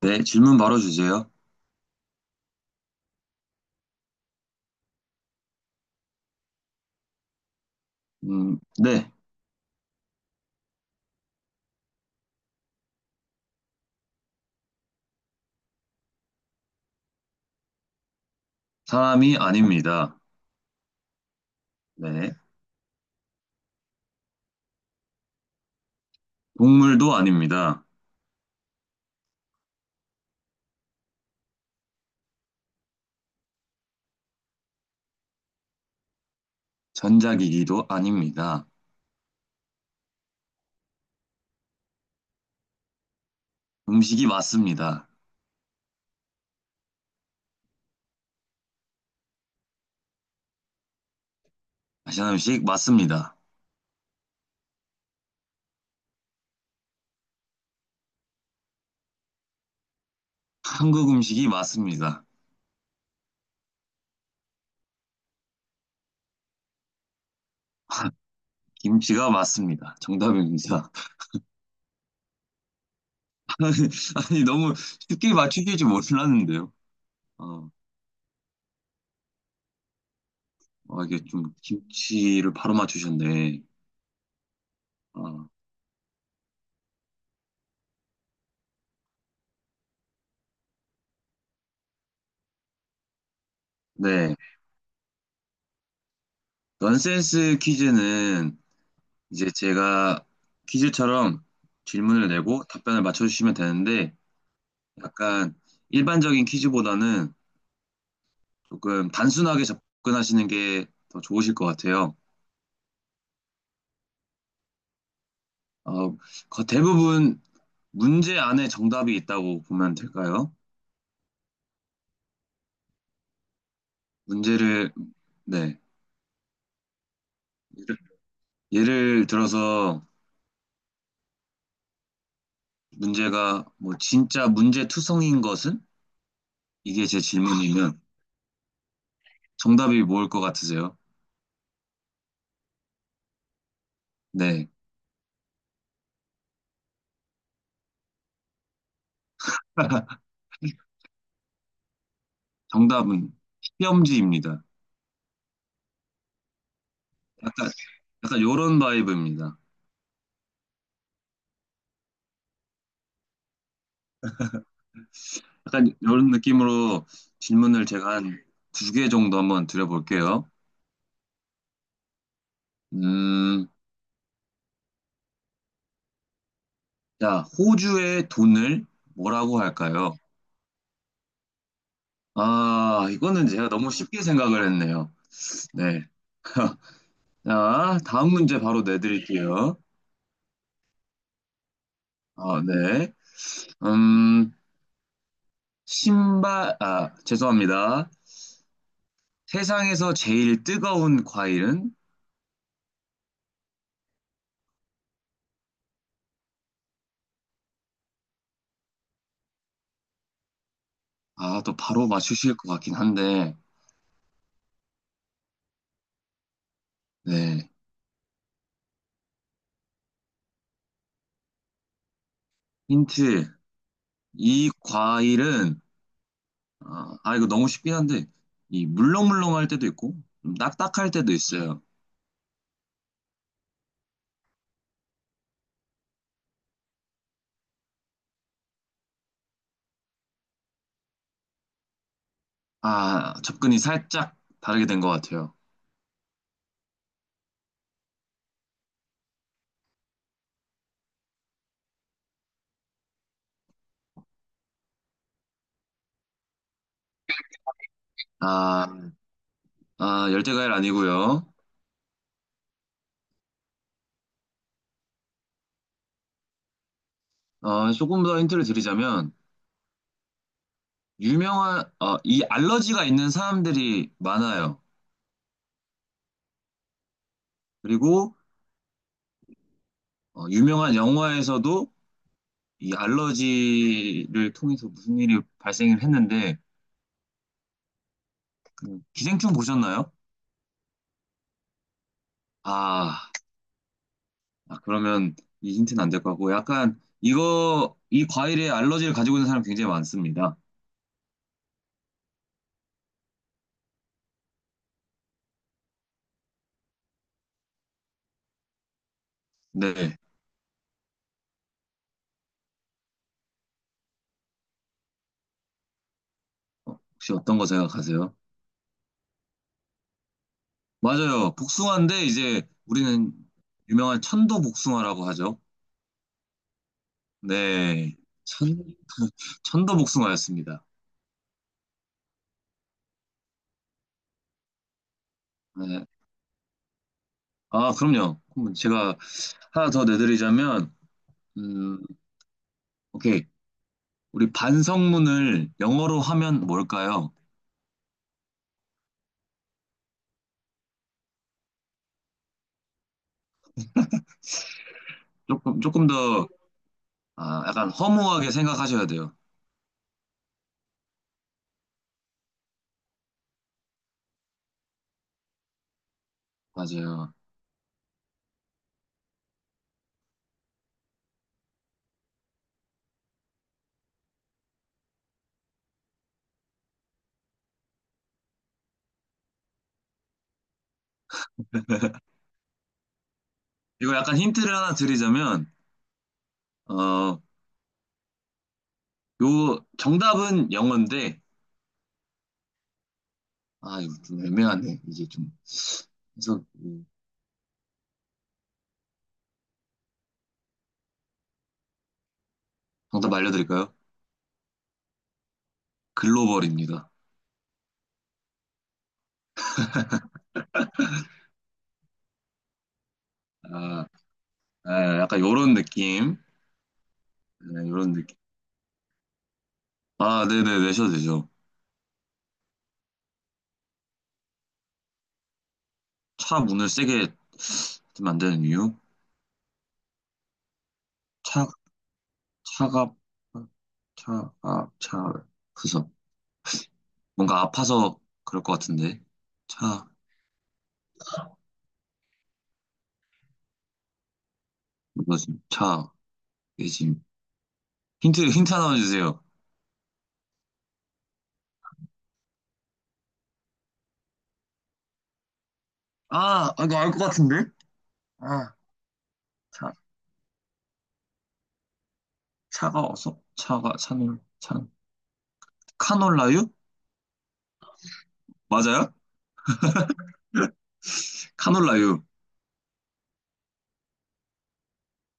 네, 질문 바로 주세요. 네, 사람이 아닙니다. 네, 동물도 아닙니다. 전자기기도 아닙니다. 음식이 맞습니다. 아시안 음식 맞습니다. 한국 음식이 맞습니다. 김치가 맞습니다. 정답입니다. 아니, 아니, 너무 쉽게 맞추실 줄 몰랐는데요. 어, 이게 좀 김치를 바로 맞추셨네. 어, 네, 넌센스 퀴즈는 이제 제가 퀴즈처럼 질문을 내고 답변을 맞춰주시면 되는데, 약간 일반적인 퀴즈보다는 조금 단순하게 접근하시는 게 더 좋으실 것 같아요. 어, 대부분 문제 안에 정답이 있다고 보면 될까요? 문제를, 네. 예를, 예를 들어서 문제가 뭐 진짜 문제투성인 것은? 이게 제 질문이면 정답이 뭘 것 같으세요? 네. 정답은 시험지입니다. 약간 요런 바이브입니다. 약간 요런 느낌으로 질문을 제가 한 두 개 정도 한번 드려볼게요. 음, 자, 호주의 돈을 뭐라고 할까요? 아, 이거는 제가 너무 쉽게 생각을 했네요. 네. 자, 다음 문제 바로 내드릴게요. 어, 네. 음, 아, 죄송합니다. 세상에서 제일 뜨거운 과일은? 아, 또 바로 맞추실 것 같긴 한데, 네. 힌트. 이 과일은 이거 너무 쉽긴 한데 이 물렁물렁할 때도 있고 좀 딱딱할 때도 있어요. 아 접근이 살짝 다르게 된 것 같아요. 아, 아 열대과일 아니고요. 어, 조금 더 힌트를 드리자면 유명한 이 알러지가 있는 사람들이 많아요. 그리고 어, 유명한 영화에서도 이 알러지를 통해서 무슨 일이 발생을 했는데 그 기생충 보셨나요? 아 아, 그러면 이 힌트는 안 될 것 같고, 약간 이거, 이 과일에 알러지를 가지고 있는 사람 굉장히 많습니다. 네. 어, 혹시 어떤 거 생각하세요? 맞아요. 복숭아인데, 이제 우리는 유명한 천도 복숭아라고 하죠. 네. 천, 천도 복숭아였습니다. 네. 아, 그럼요. 그럼 제가 하나 더 내드리자면, 음, 오케이. 우리 반성문을 영어로 하면 뭘까요? 조금 더, 아, 약간 허무하게 생각하셔야 돼요. 맞아요. 이거 약간 힌트를 하나 드리자면, 어, 요, 정답은 영어인데, 아, 이거 좀 애매하네. 이제 좀, 그래서, 정답 알려드릴까요? 글로벌입니다. 아, 아, 약간 요런 느낌. 네, 요런 느낌. 아, 네네, 내셔도 되죠. 차 문을 세게 닫으면 안 되는 이유? 차, 차가, 차가, 차, 그래서, 뭔가 아파서 그럴 것 같은데. 차, 뭐지? 차, 예짐. 힌트 하나만 주세요. 아, 이거 알 것 같은데? 아, 차, 차가 어서? 카놀라유? 맞아요? 카놀라유.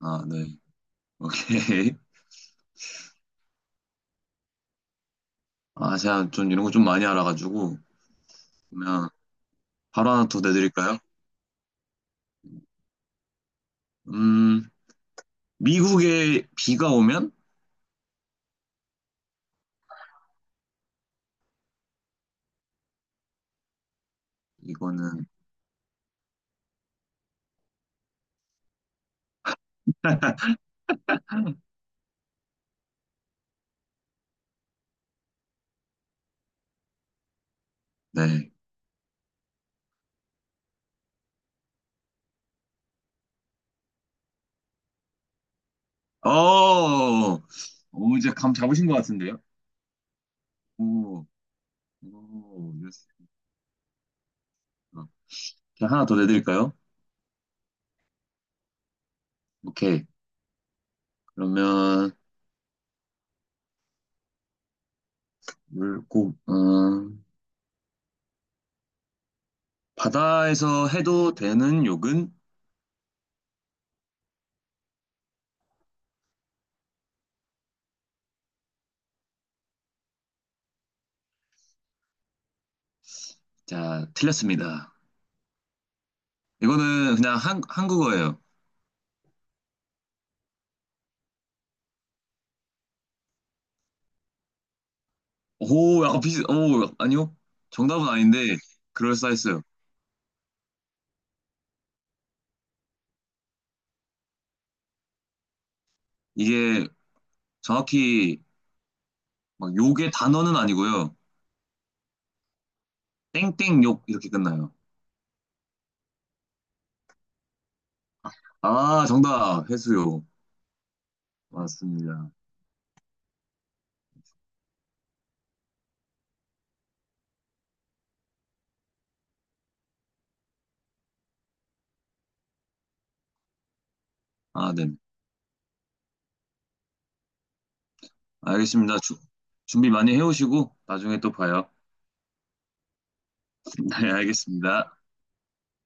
아, 네. 오케이. 아, 제가 좀 이런 거 좀 많이 알아가지고, 그러면 바로 하나 더 내드릴까요? 음, 미국에 비가 오면? 이거는, 네. 어, 오, 이제 감 잡으신 것 같은데요? 오, 오, 예스. 어, 그냥 하나 더 내드릴까요? 오케이. 그러면, 물고, 음, 바다에서 해도 되는 욕은? 자, 틀렸습니다. 이거는 그냥 한국어예요. 오, 아니요. 정답은 아닌데, 그럴싸했어요. 이게 정확히 막 욕의 단어는 아니고요. 땡땡욕 이렇게 끝나요. 아, 정답. 해수욕. 맞습니다. 아, 네. 알겠습니다. 준비 많이 해오시고, 나중에 또 봐요. 네, 알겠습니다.